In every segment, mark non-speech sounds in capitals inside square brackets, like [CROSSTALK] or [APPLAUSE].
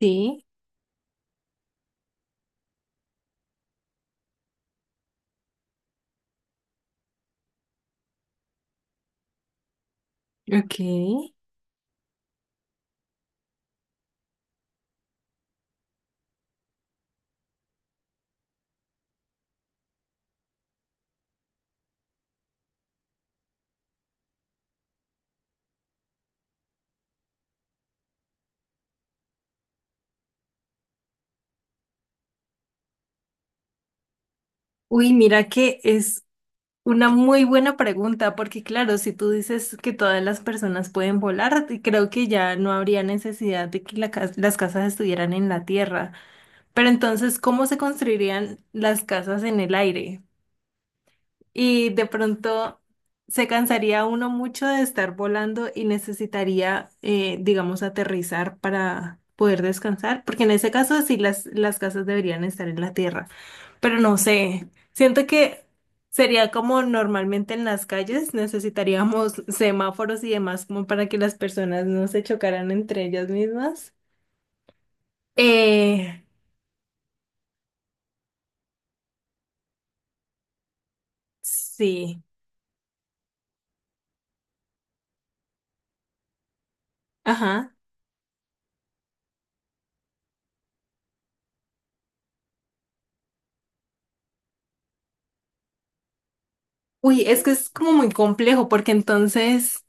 Sí, ok. Uy, mira que es una muy buena pregunta, porque claro, si tú dices que todas las personas pueden volar, creo que ya no habría necesidad de que las casas estuvieran en la tierra. Pero entonces, ¿cómo se construirían las casas en el aire? Y de pronto se cansaría uno mucho de estar volando y necesitaría, digamos, aterrizar para poder descansar, porque en ese caso sí las casas deberían estar en la tierra. Pero no sé, siento que sería como normalmente en las calles, necesitaríamos semáforos y demás como para que las personas no se chocaran entre ellas mismas. Eh, sí, ajá. Uy, es que es como muy complejo porque entonces,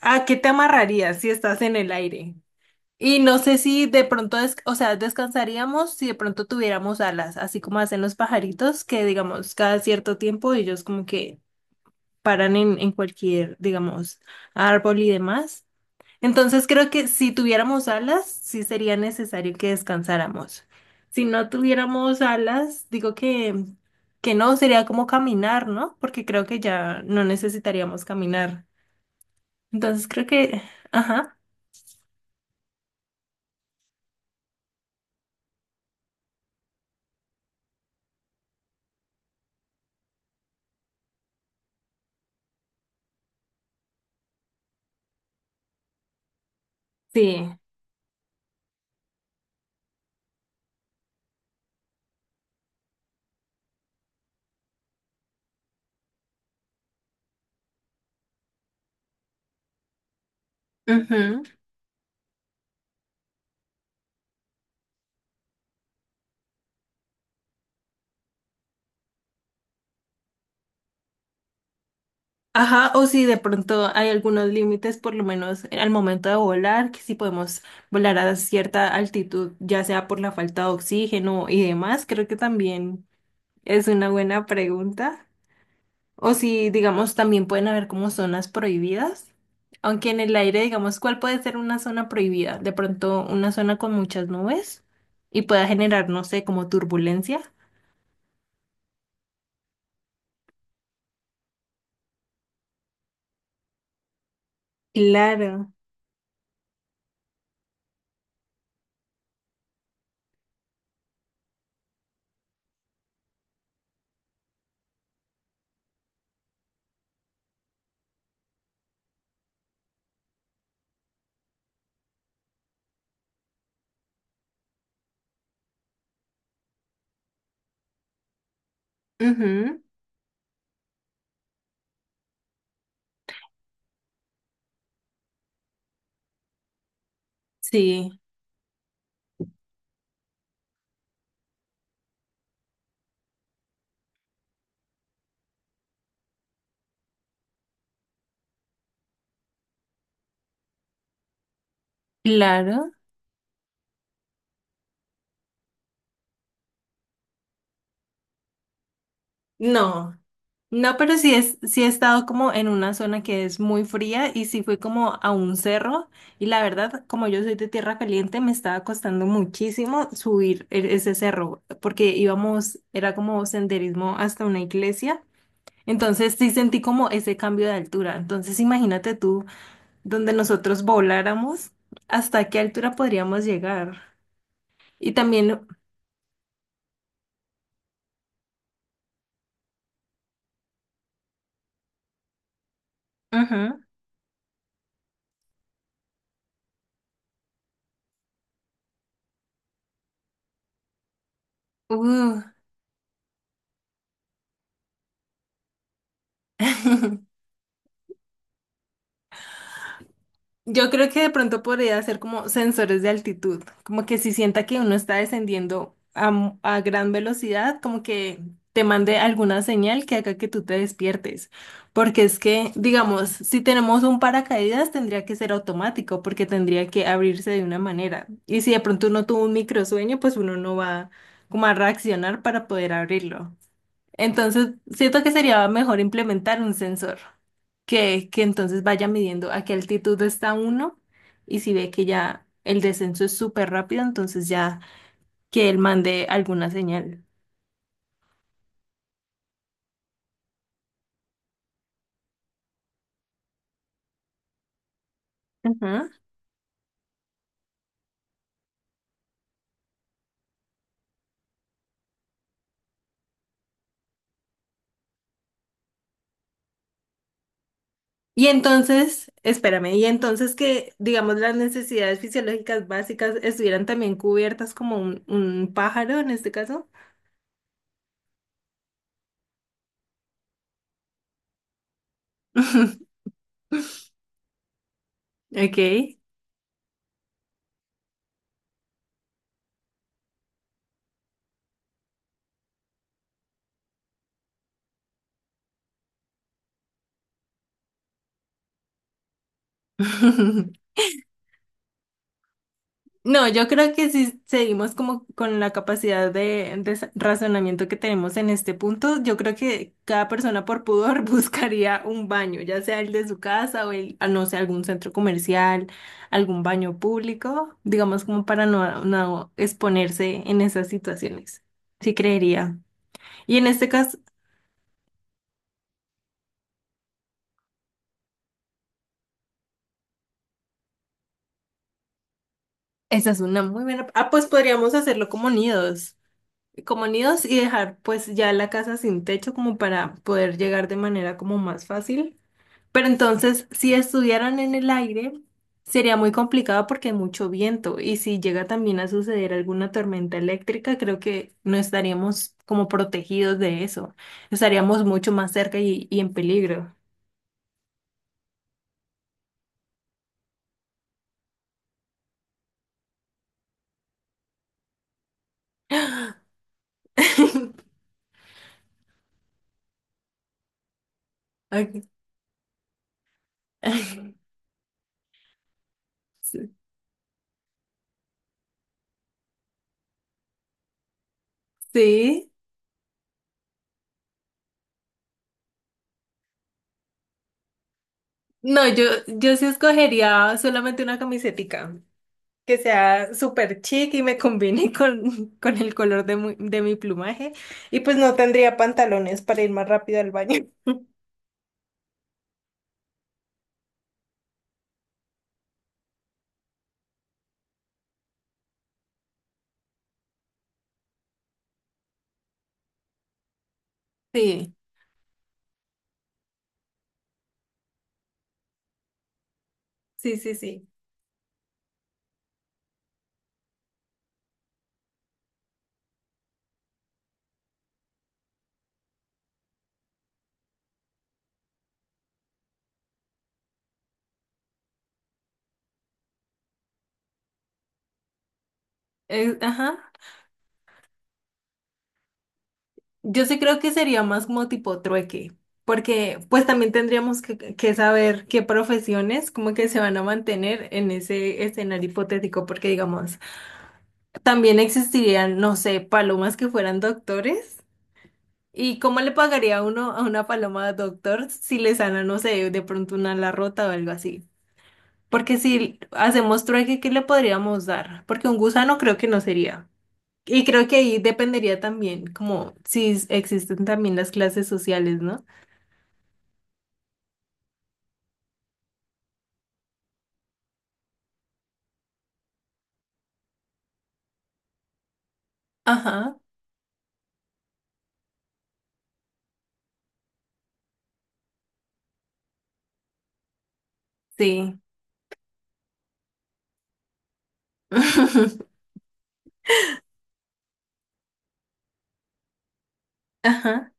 ¿a qué te amarrarías si estás en el aire? Y no sé si de pronto, o sea, descansaríamos si de pronto tuviéramos alas, así como hacen los pajaritos, que digamos cada cierto tiempo ellos como que paran en cualquier, digamos, árbol y demás. Entonces creo que si tuviéramos alas, sí sería necesario que descansáramos. Si no tuviéramos alas, digo que no, sería como caminar, ¿no? Porque creo que ya no necesitaríamos caminar. Entonces creo que, ajá, sí. Ajá, o si de pronto hay algunos límites, por lo menos al momento de volar, que si podemos volar a cierta altitud, ya sea por la falta de oxígeno y demás, creo que también es una buena pregunta. O si, digamos, también pueden haber como zonas prohibidas, aunque en el aire, digamos, ¿cuál puede ser una zona prohibida? De pronto una zona con muchas nubes y pueda generar, no sé, como turbulencia. Claro. Ujú, sí, claro. No. No, pero sí, sí he estado como en una zona que es muy fría y sí fui como a un cerro y la verdad, como yo soy de tierra caliente, me estaba costando muchísimo subir ese cerro porque íbamos, era como senderismo hasta una iglesia, entonces sí sentí como ese cambio de altura. Entonces imagínate tú, donde nosotros voláramos, ¿hasta qué altura podríamos llegar? Y también, ujú, uh, [LAUGHS] yo creo que de pronto podría ser como sensores de altitud, como que si sienta que uno está descendiendo a gran velocidad, como que te mande alguna señal que haga que tú te despiertes. Porque es que, digamos, si tenemos un paracaídas, tendría que ser automático, porque tendría que abrirse de una manera. Y si de pronto uno tuvo un microsueño, pues uno no va como a reaccionar para poder abrirlo. Entonces, siento que sería mejor implementar un sensor que entonces vaya midiendo a qué altitud está uno y si ve que ya el descenso es súper rápido, entonces ya que él mande alguna señal. Ajá. Y entonces, espérame, y entonces que, digamos, las necesidades fisiológicas básicas estuvieran también cubiertas como un pájaro en este caso. [LAUGHS] Ok. [LAUGHS] No, yo creo que si seguimos como con la capacidad de razonamiento que tenemos en este punto, yo creo que cada persona por pudor [LAUGHS] buscaría un baño, ya sea el de su casa o el, no sé, algún centro comercial, algún baño público, digamos como para no, no exponerse en esas situaciones. Sí creería. Y en este caso, esa es una muy buena. Ah, pues podríamos hacerlo como nidos y dejar pues ya la casa sin techo como para poder llegar de manera como más fácil. Pero entonces, si estuvieran en el aire, sería muy complicado porque hay mucho viento y si llega también a suceder alguna tormenta eléctrica, creo que no estaríamos como protegidos de eso. Estaríamos mucho más cerca y en peligro. [LAUGHS] Ok. [LAUGHS] Sí. Sí. No, yo sí escogería solamente una camisetica que sea súper chic y me combine [LAUGHS] con el color de mi plumaje y pues no tendría pantalones para ir más rápido al baño. Sí, sí, sí, sí. Ajá. Yo sí creo que sería más como tipo trueque, porque pues también tendríamos que saber qué profesiones como que se van a mantener en ese escenario hipotético, porque digamos, también existirían, no sé, palomas que fueran doctores. ¿Y cómo le pagaría uno a una paloma doctor si le sana, no sé, de pronto una ala rota o algo así? Porque si hacemos trueque, ¿qué le podríamos dar? Porque un gusano creo que no sería. Y creo que ahí dependería también, como si existen también las clases sociales, ¿no? Ajá, sí. [LAUGHS] Ajá.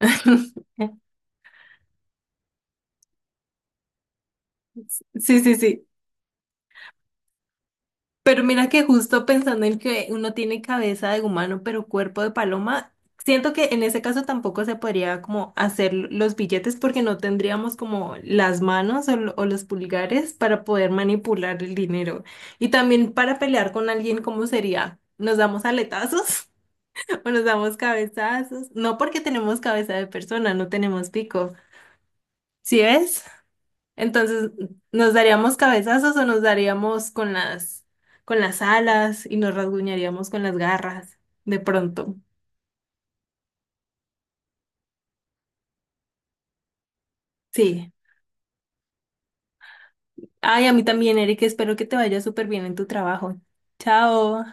[LAUGHS] Sí, sí, sí. Pero mira que justo pensando en que uno tiene cabeza de humano, pero cuerpo de paloma, siento que en ese caso tampoco se podría como hacer los billetes porque no tendríamos como las manos o los pulgares para poder manipular el dinero. Y también para pelear con alguien, ¿cómo sería? ¿Nos damos aletazos? O nos damos cabezazos. No porque tenemos cabeza de persona, no tenemos pico. ¿Sí ves? Entonces, nos daríamos cabezazos o nos daríamos con las alas y nos rasguñaríamos con las garras. De pronto. Sí. Ay, a mí también, Eric. Espero que te vaya súper bien en tu trabajo. Chao.